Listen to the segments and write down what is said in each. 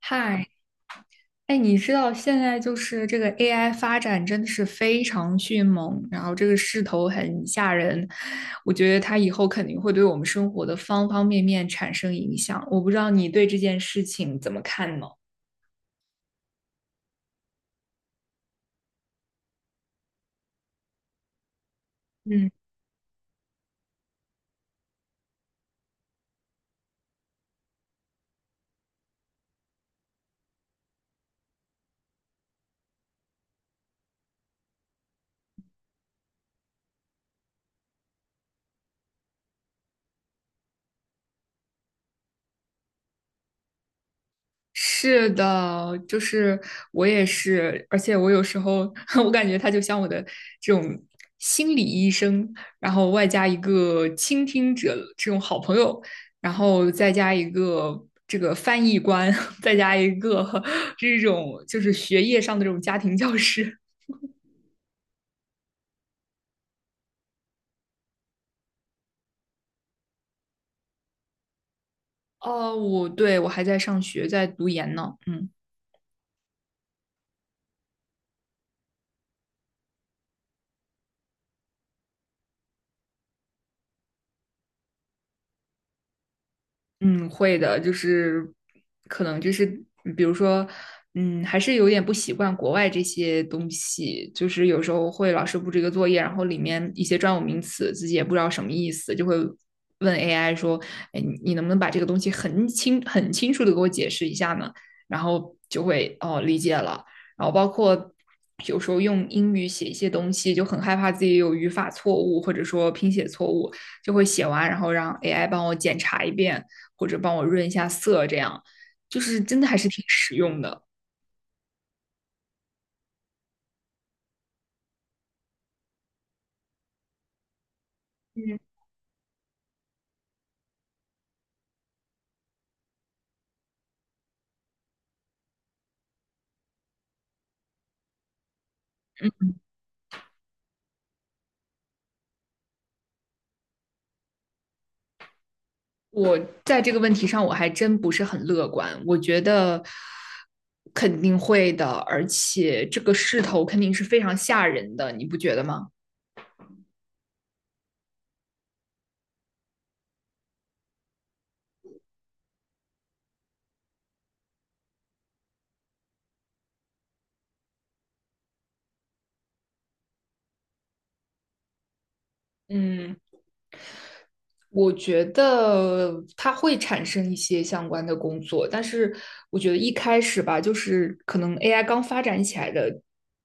嗨，哎，你知道现在就是这个 AI 发展真的是非常迅猛，然后这个势头很吓人，我觉得它以后肯定会对我们生活的方方面面产生影响。我不知道你对这件事情怎么看呢？嗯。是的，就是我也是，而且我有时候 我感觉他就像我的这种心理医生，然后外加一个倾听者这种好朋友，然后再加一个这个翻译官，再加一个这种就是学业上的这种家庭教师。哦，我，对，我还在上学，在读研呢，嗯。嗯，会的，就是可能就是比如说，嗯，还是有点不习惯国外这些东西，就是有时候会老师布置一个作业，然后里面一些专有名词自己也不知道什么意思，就会问 AI 说，哎，你能不能把这个东西很清很清楚的给我解释一下呢？然后就会哦理解了，然后包括。有时候用英语写一些东西，就很害怕自己有语法错误或者说拼写错误，就会写完，然后让 AI 帮我检查一遍，或者帮我润一下色，这样就是真的还是挺实用的。嗯，我在这个问题上我还真不是很乐观，我觉得肯定会的，而且这个势头肯定是非常吓人的，你不觉得吗？嗯，我觉得它会产生一些相关的工作，但是我觉得一开始吧，就是可能 AI 刚发展起来的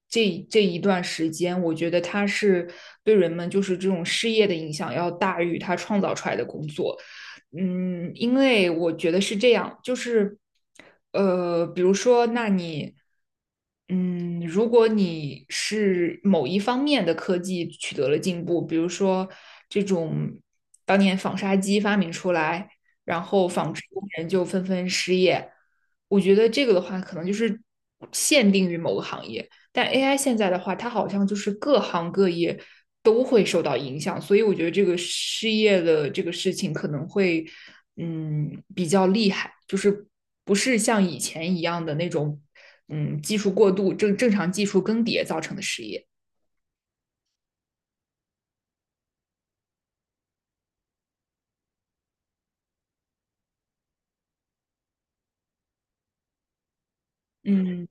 这一段时间，我觉得它是对人们就是这种失业的影响要大于它创造出来的工作。嗯，因为我觉得是这样，就是，比如说，那你，如果你是某一方面的科技取得了进步，比如说这种当年纺纱机发明出来，然后纺织工人就纷纷失业，我觉得这个的话，可能就是限定于某个行业。但 AI 现在的话，它好像就是各行各业都会受到影响，所以我觉得这个失业的这个事情可能会，比较厉害，就是不是像以前一样的那种，技术过度常技术更迭造成的失业。嗯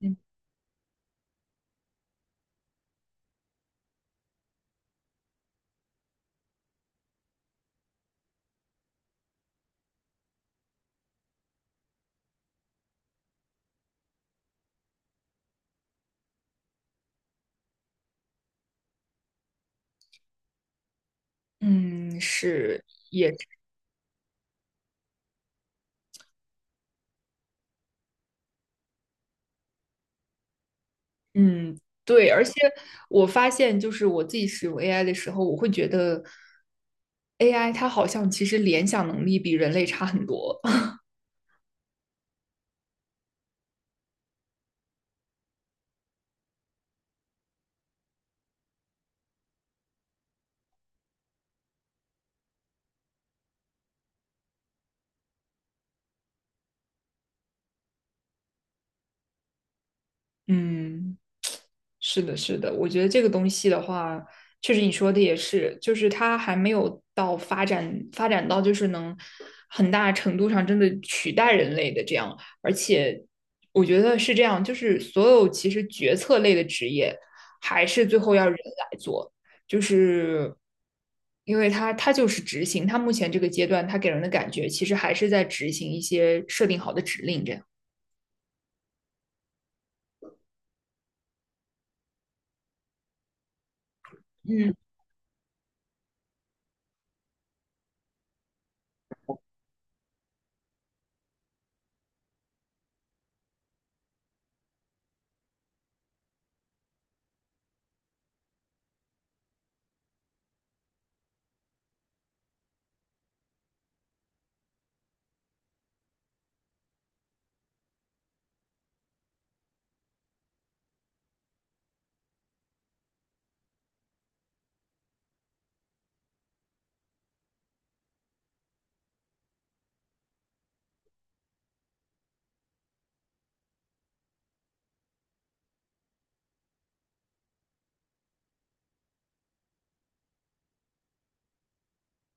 嗯嗯，是，嗯，对，而且我发现，就是我自己使用 AI 的时候，我会觉得 AI 它好像其实联想能力比人类差很多。嗯。是的，是的，我觉得这个东西的话，确实你说的也是，就是它还没有到发展到就是能很大程度上真的取代人类的这样，而且我觉得是这样，就是所有其实决策类的职业还是最后要人来做，就是因为它就是执行，它目前这个阶段它给人的感觉其实还是在执行一些设定好的指令这样。嗯，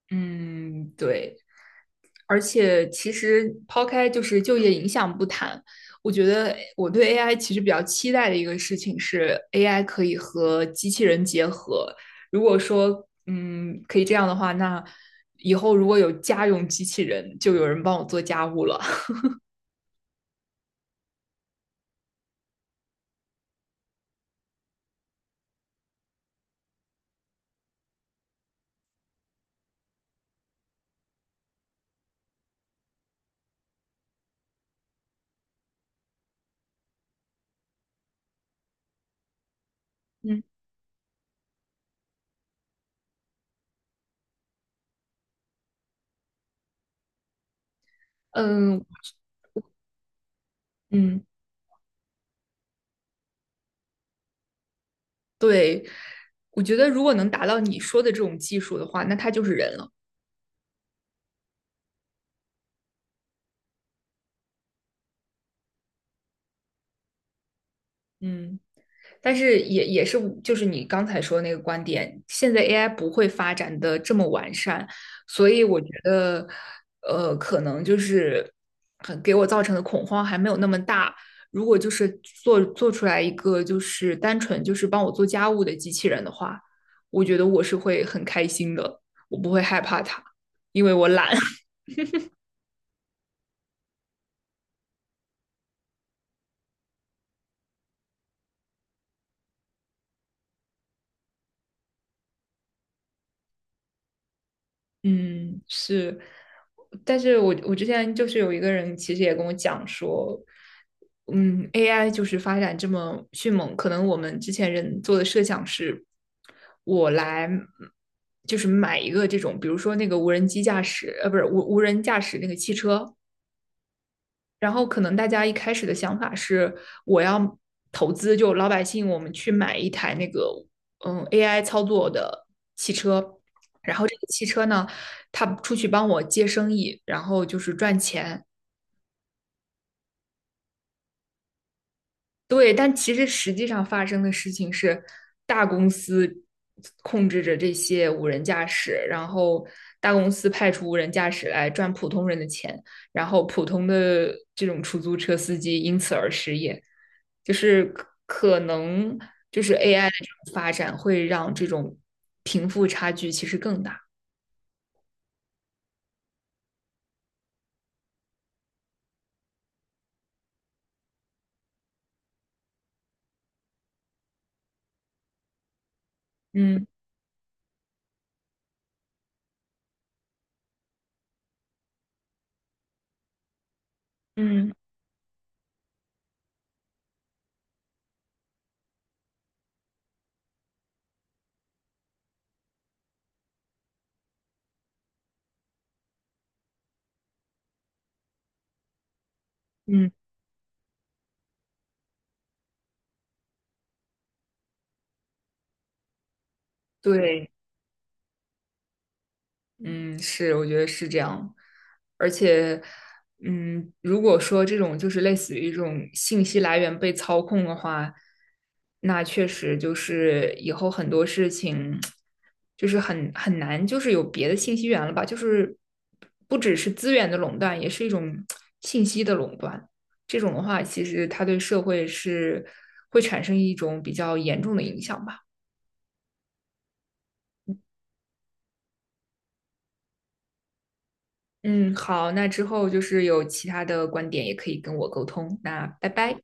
嗯，对。而且其实抛开就是就业影响不谈，我觉得我对 AI 其实比较期待的一个事情是 AI 可以和机器人结合。如果说可以这样的话，那以后如果有家用机器人，就有人帮我做家务了。嗯 嗯嗯，对，我觉得如果能达到你说的这种技术的话，那它就是人了。嗯，但是也是，就是你刚才说的那个观点，现在 AI 不会发展的这么完善，所以我觉得，可能就是很给我造成的恐慌还没有那么大。如果就是做出来一个就是单纯就是帮我做家务的机器人的话，我觉得我是会很开心的，我不会害怕它，因为我懒。嗯，是，但是我之前就是有一个人，其实也跟我讲说，嗯，AI 就是发展这么迅猛，可能我们之前人做的设想是，我来就是买一个这种，比如说那个无人机驾驶，不是无人驾驶那个汽车，然后可能大家一开始的想法是，我要投资，就老百姓我们去买一台那个AI 操作的汽车，然后这个汽车呢，它出去帮我接生意，然后就是赚钱。对，但其实实际上发生的事情是，大公司控制着这些无人驾驶，然后大公司派出无人驾驶来赚普通人的钱，然后普通的这种出租车司机因此而失业。就是能就是 AI 的这种发展会让这种贫富差距其实更大。嗯嗯嗯，对。嗯，是，我觉得是这样，而且，如果说这种就是类似于一种信息来源被操控的话，那确实就是以后很多事情就是很难，就是有别的信息源了吧，就是不只是资源的垄断，也是一种信息的垄断。这种的话，其实它对社会是会产生一种比较严重的影响吧。嗯，好，那之后就是有其他的观点也可以跟我沟通，那拜拜。